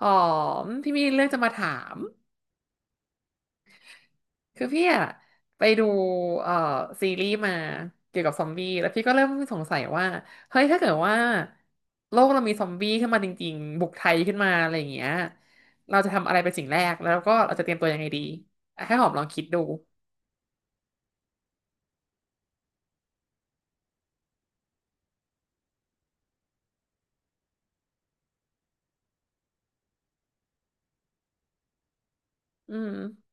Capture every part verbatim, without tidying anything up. อ๋อมพี่มีเรื่องจะมาถามคือพี่อะไปดูเอ่อซีรีส์มาเกี่ยวกับซอมบี้แล้วพี่ก็เริ่มสงสัยว่าเฮ้ยถ้าเกิดว่าโลกเรามีซอมบี้ขึ้นมาจริงๆบุกไทยขึ้นมาอะไรอย่างเงี้ยเราจะทำอะไรเป็นสิ่งแรกแล้วก็เราจะเตรียมตัวยังไงดีอ่ะให้หอมลองคิดดูอืม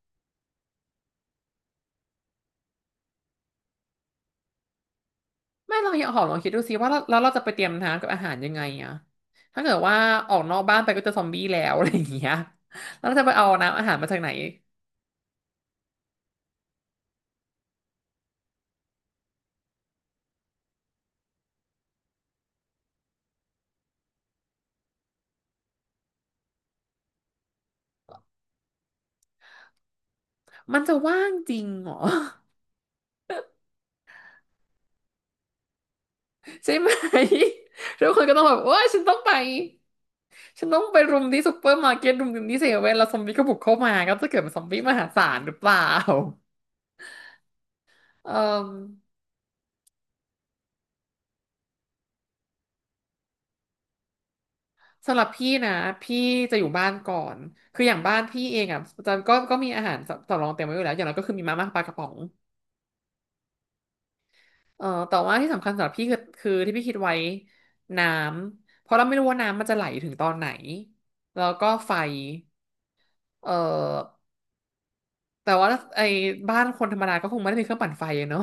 ไม่ลองหอมลองคิดดูสิว่าแล้วแล้วเราจะไปเตรียมน้ำกับอาหารยังไงอะถ้าเกิดว่าออกนอกบ้านไปก็เจะซอมบี้แล้วอะไรอย่างเงี้ยแล้วเราจะไปเอาน้ำอาหารมาจากไหนมันจะว่างจริงเหรอ ใช่ไหม ทุกคนก็ต้องแบบว่าฉันต้องไปฉันต้องไปรุมที่ซุปเปอร์มาร์เก็ตรุมที่เซเว่นแล้วซอมบี้ก็บุกเข้ามาก็จะเกิดเป็นซอมบี้มหาศาลหรือเปล่าเอ่อสำหรับพี่นะพี่จะอยู่บ้านก่อน คืออย่างบ้านพี่เองอ่ะจะก็ก็มีอาหารสำสำรองเต็มไว้อยู่แล้วอย่างเราก็คือมีมาม่าปลากระป๋องเอ่อแต่ว่าที่สำคัญสำหรับพี่คือคือที่พี่คิดไว้น้ำเพราะเราไม่รู้ว่าน้ำมันจะไหลถึงตอนไหนแล้วก็ไฟเอ่อ แต่ว่าไอ้บ้านคนธรรมดาก็คงไม่ได้มีเครื่องปั่นไฟอะเนาะ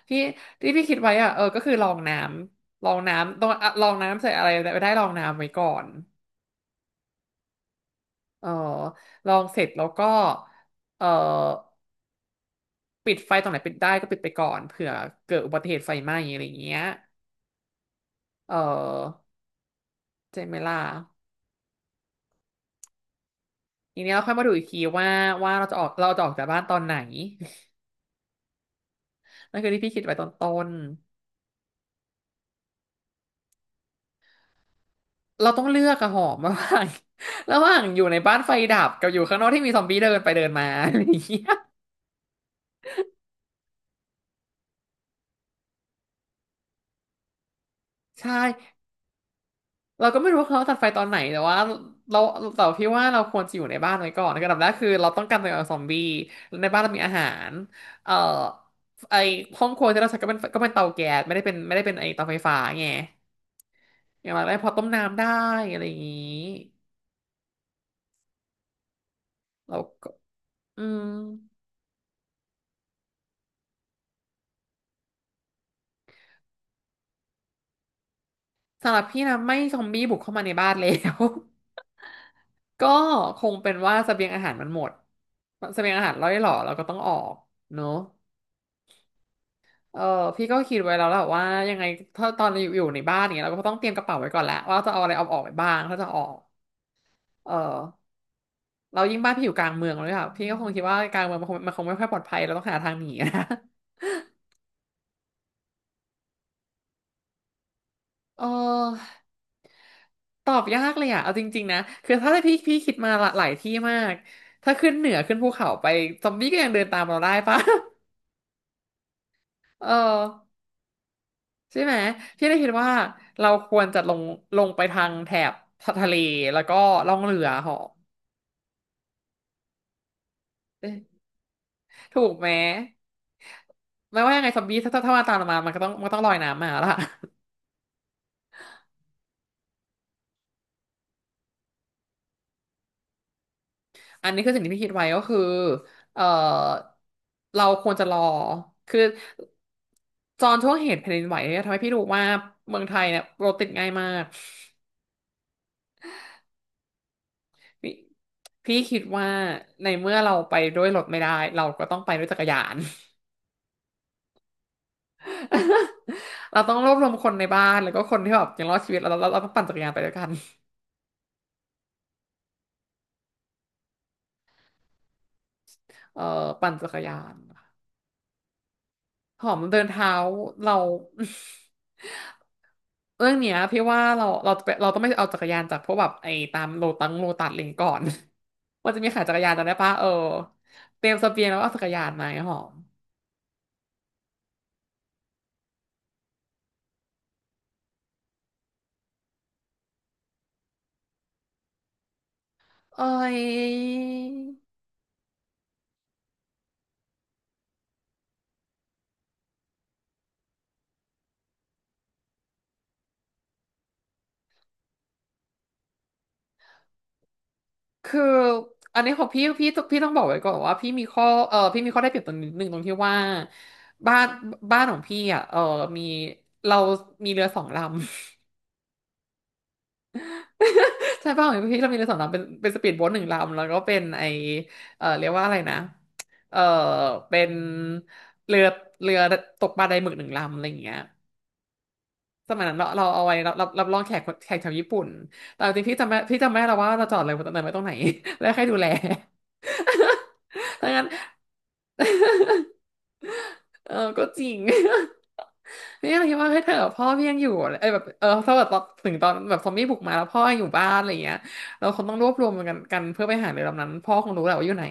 ที่ที่พี่คิดไว้อะเออก็คือลองน้ำลองน้ำต้องอะลองน้ำใส่อะไรไปได้ลองน้ำไว้ก่อนเออลองเสร็จแล้วก็เออปิดไฟตรงไหนปิดได้ก็ปิดไปก่อนเผื่อเกิดอุบัติเหตุไฟไหม้อะไรอย่างเงี้ยเออเจเมล่าทีนี้เราค่อยมาดูอีกทีว่าว่าเราจะออกเราจะออกจากบ้านตอนไหน นั่นคือที่พี่คิดไว้ตอนต้น เราต้องเลือกอะหอมระหว่าง ระหว่างอยู่ในบ้านไฟดับกับอยู่ข้างนอกที่มีซอมบี้เดินไปเดินมา อะไรอย่างเงี้ยใช่เราก็ไม่รู้ว่าเขาตัดไฟตอนไหนแต่ว่าเราแต่พี่ว่าเราควรจะอยู่ในบ้านไว้ก่อนอันดับแรกคือเราต้องกันตัวเองจากซอมบี้ในบ้านเรามีอาหารเอ่อไอห้องครัวที่เราใช้ก็เป็นก็เป็นเตาแก๊สไม่ได้เป็นไม่ได้เป็นไอเตาไฟฟ้าไงอย่างไรพอต้มน้ำได้อะไรอย่างงี้เราก็อืมสำหรับพี่นะไม่ซอมบี้บุกเข้ามาในบ้านแล้ว ก็คงเป็นว่าเสบียงอาหารมันหมดเสบียงอาหารร่อยหรอเราก็ต้องออกเนอะเออพี่ก็คิดไว้แล้วแหละว่ายังไงถ้าตอนอยู่อยู่ในบ้านอย่างเนี้ยเราก็ต้องเตรียมกระเป๋าไว้ก่อนแหละว่าจะเอาอะไรเอาออกไปบ้างถ้าจะออกเออเรายิ่งบ้านพี่อยู่กลางเมืองเลยค่ะพี่ก็คงคิดว่ากลางเมืองมันคงมันคงไม่ค่อยปลอดภัยเราต้องหาทางหนีนะ เออตอบยากเลยอ่ะเอาจริงๆนะคือถ้าพี่พี่คิดมาหลายที่มากถ้าขึ้นเหนือขึ้นภูเขาไปซอมบี้ก็ยังเดินตามเราได้ปะ เออ ใช่ไหมพี่ได้คิดว่าเราควรจะลงลงไปทางแถบทะเลแล้วก็ล่องเรือเหาะเอ๊ะถูกไหมไม่ว่ายังไงซอมบี้ถ้าถ้าถ้ามาตามเรามามันก็ต้องมันก็ต้องลอยน้ำมาละ อันนี้คือสิ่งที่พี่คิดไว้ก็คือเอ่อเราควรจะรอคือตอนช่วงเหตุแผ่นดินไหวเนี่ยทำให้พี่รู้ว่าเมืองไทยเนี่ยรถติดง่ายมากพี่พี่คิดว่าในเมื่อเราไปด้วยรถไม่ได้เราก็ต้องไปด้วยจักรยาน เราต้องรวบรวมคนในบ้านแล้วก็คนที่แบบยังรอดชีวิตแล้วเราเราเราต้องปั่นจักรยานไปด้วยกันเออปั่นจักรยานหอมเดินเท้าเรา เรื่องเนี้ยพี่ว่าเราเราจะไปเราต้องไม่เอาจักรยานจากพวกแบบไอ้ตามโลตังโลตัสอะไรอย่างงี้ก่อน ว่าจะมีขายจักรยานจำได้ปะเออเตรียมเสบียงแล้วก็เอาจักรยานมาไงหอมเอ้ย คืออันนี้ของพี่พี่พี่ต้องบอกไว้ก่อนว่าพี่มีข้อเออพี่มีข้อได้เปรียบตรงนิดนึงตรงที่ว่าบ้านบ้านของพี่อ่ะเออมีเรามีเรือสองลำ ใช่บ้านของพี่เรามีเรือสองลำเป็นเป็นสปีดโบ๊ทหนึ่งลำแล้วก็เป็นไอเออเรียกว่าอะไรนะเออเป็นเรือเรือตกปลาไดหมึกหนึ่งลำอะไรอย่างเงี้ยสมัยนั้นเราเราเอาไว้รับรับรับรองแขกแขกชาวญี่ปุ่นแต่จริงๆพี่จำไม่พี่จำไม่ได้แล้วว่าเราจอดเลยตรงไหนไว้ตรงไหน แล้วใครดูแล ถ้างั้นเออก็จริง เี่ยเคิดว่าเฮ้ยเธอพ่อพี่ยังอยู่เอ้แบบเออถ้าแบบถึงตอนแบบซอมบี้บุกมาแล้วพ่อยังอยู่บ้านอะไรอย่างเงี้ยเราคงต้องรวบรวมกันกันเพื่อไปหาเรือลำนั้นพ่อคงรู้แหละว่าอยู่ไหน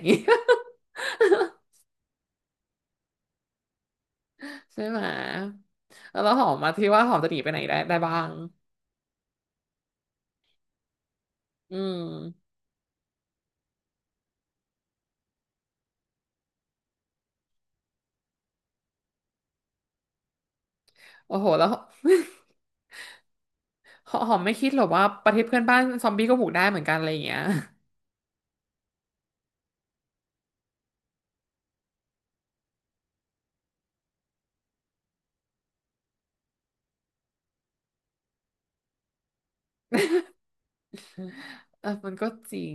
ใช่ไหมแล้วหอมมาที่ว่าหอมจะหนีไปไหนได้ได้บ้างอืมโอ้โหแล้ว หอหอมไม่คิดหรอกว่าประเทศเพื่อนบ้านซอมบี้ก็บุกได้เหมือนกันอะไรอย่างเงี้ย เออมันก็จริง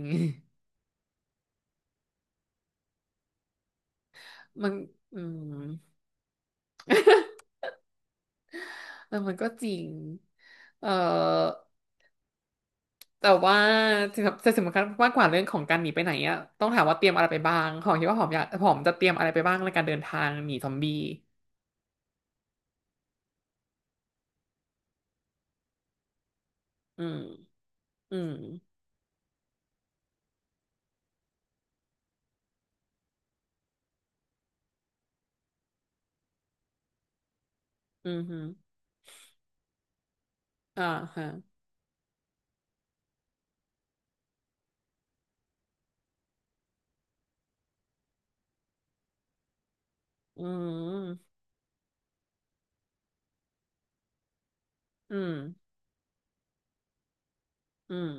มันอืมเออมันก็จริงเออ แต่ว่าจะสำคัญมากกว่าเรื่องของการหนีไปไหนอะต้องถามว่าเตรียมอะไรไปบ้างของคิดว่าหอมอยากหอมจะเตรียมอะไรไปบ้างในการเดินทางหนีซอมบี้อืมอืมอืมฮึอ่าฮะอืมอืมอืม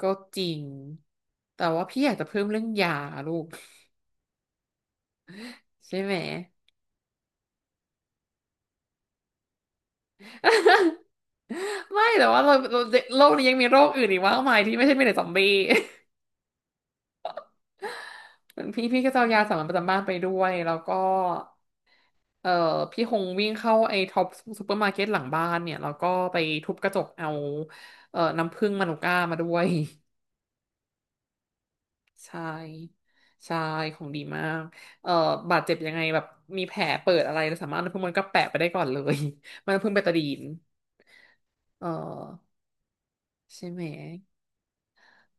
ก็จริง แต่ว่าพี่อยากจะเพิ่มเรื่องยาลูกใช่ไหม ไม่แต่ว่าเราเราโลกนี้ยังมีโรคอื่นอีกมากมายที่ไม่ใช่มีแต่ซอมบี้ พี่พี่ก็จะเอายาสามัญประจำบ้านไปด้วยแล้วก็ เอ่อพี่หงวิ่งเข้าไอ้ท็อปซูเปอร์มาร์เก็ตหลังบ้านเนี่ยแล้วก็ไปทุบกระจกเอาเอ่อน้ำผึ้งมานูก้ามาด้วย ใช่ใช่ของดีมากเอ่อบาดเจ็บยังไงแบบมีแผลเปิดอะไรเราสามารถเอาน้ำผึ้งมันก็แปะไปได้ก่อนเลย มันน้ำผึ้งเบตาดีนเออใช่ไหม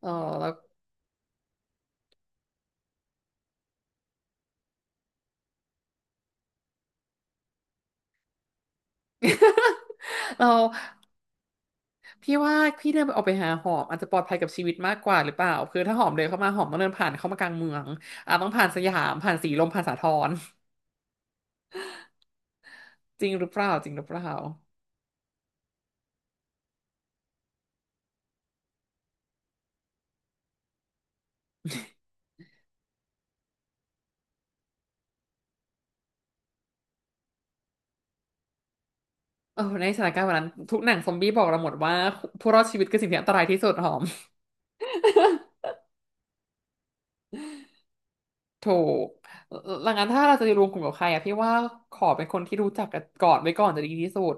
เออแล้ว เราพี่ว่าพี่เดินออกไปหาหอมอาจจะปลอดภัยกับชีวิตมากกว่าหรือเปล่าคือถ้าหอมเดินเข้ามาหอมต้องเดินผ่านเข้ามากลางเมืองอ่ะต้องผ่านสยามผ่านสีลมผ่านสาทร จริงหรือเปล่าจริงหรือเปล่าเออในสถานการณ์วันนั้นทุกหนังซอมบี้บอกเราหมดว่าผู้รอดชีวิตคือสิ่งที่อันตรายที่สุดหอมถูกหลังนั้นถ้าเราจะรวมกลุ่มกับใครอะพี่ว่าขอเป็นคนที่รู้จักกันก่อนไว้ก่อนจะดีที่สุด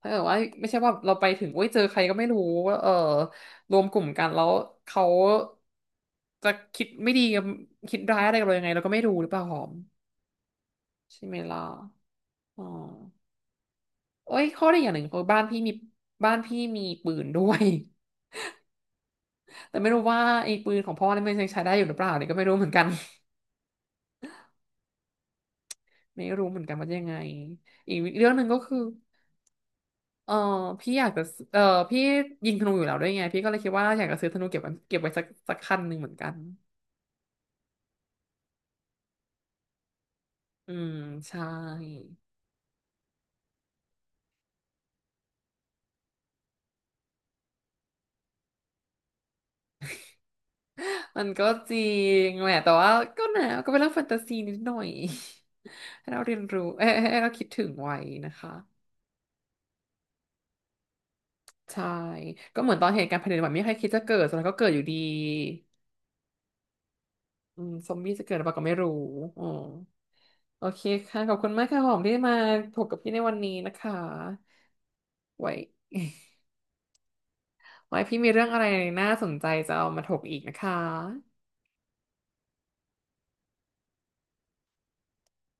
ถ้าเกิดว่าไม่ใช่ว่าเราไปถึงโอ้ยเจอใครก็ไม่รู้เออรวมกลุ่มกันแล้วเขาจะคิดไม่ดีกับคิดร้ายอะไรกับเรายังไงเราก็ไม่รู้หรือเปล่าหอมใช่ไหมล่ะอ๋อโอ้ยข้อดีอย่างหนึ่งคือบ้านพี่มีบ้านพี่มีปืนด้วย แต่ไม่รู้ว่าไอ้ปืนของพ่อนี่มันยังใช้ได้อยู่หรือเปล่าเนี่ยก็ไม่รู้เหมือนกัน ไม่รู้เหมือนกันว่าจะยังไงอีกเรื่องหนึ่งก็คือเออพี่อยากจะเออพี่ยิงธนูอยู่แล้วด้วยไงพี่ก็เลยคิดว่าอยากจะซื้อธนูเก็บไว้เก็บไว้สักสักคันหนึ่งเหมือนกันอืมใช่มันก็จริงแหละแต่ว่าก็นะก็เป็นเรื่องแฟนตาซีนิดหน่อย ให้เราเรียนรู้เอ้ยให้เราคิดถึงไว้นะคะใช่ก็เหมือนตอนเหตุการณ์แผ่นดินไหวไม่มีใครคิดจะเกิดสุดท้ายก็เกิดอยู่ดีอืมซอมบี้จะเกิดหรือเปล่าก็ไม่รู้อ๋อ โอเคค่ะขอบคุณมากค่ะหอมที่มาถกกับพี่ในวันนี้นะคะไว้ไว้พี่มีเรื่องอะไรน่าสนใจจะเอามาถกอีกนะคะ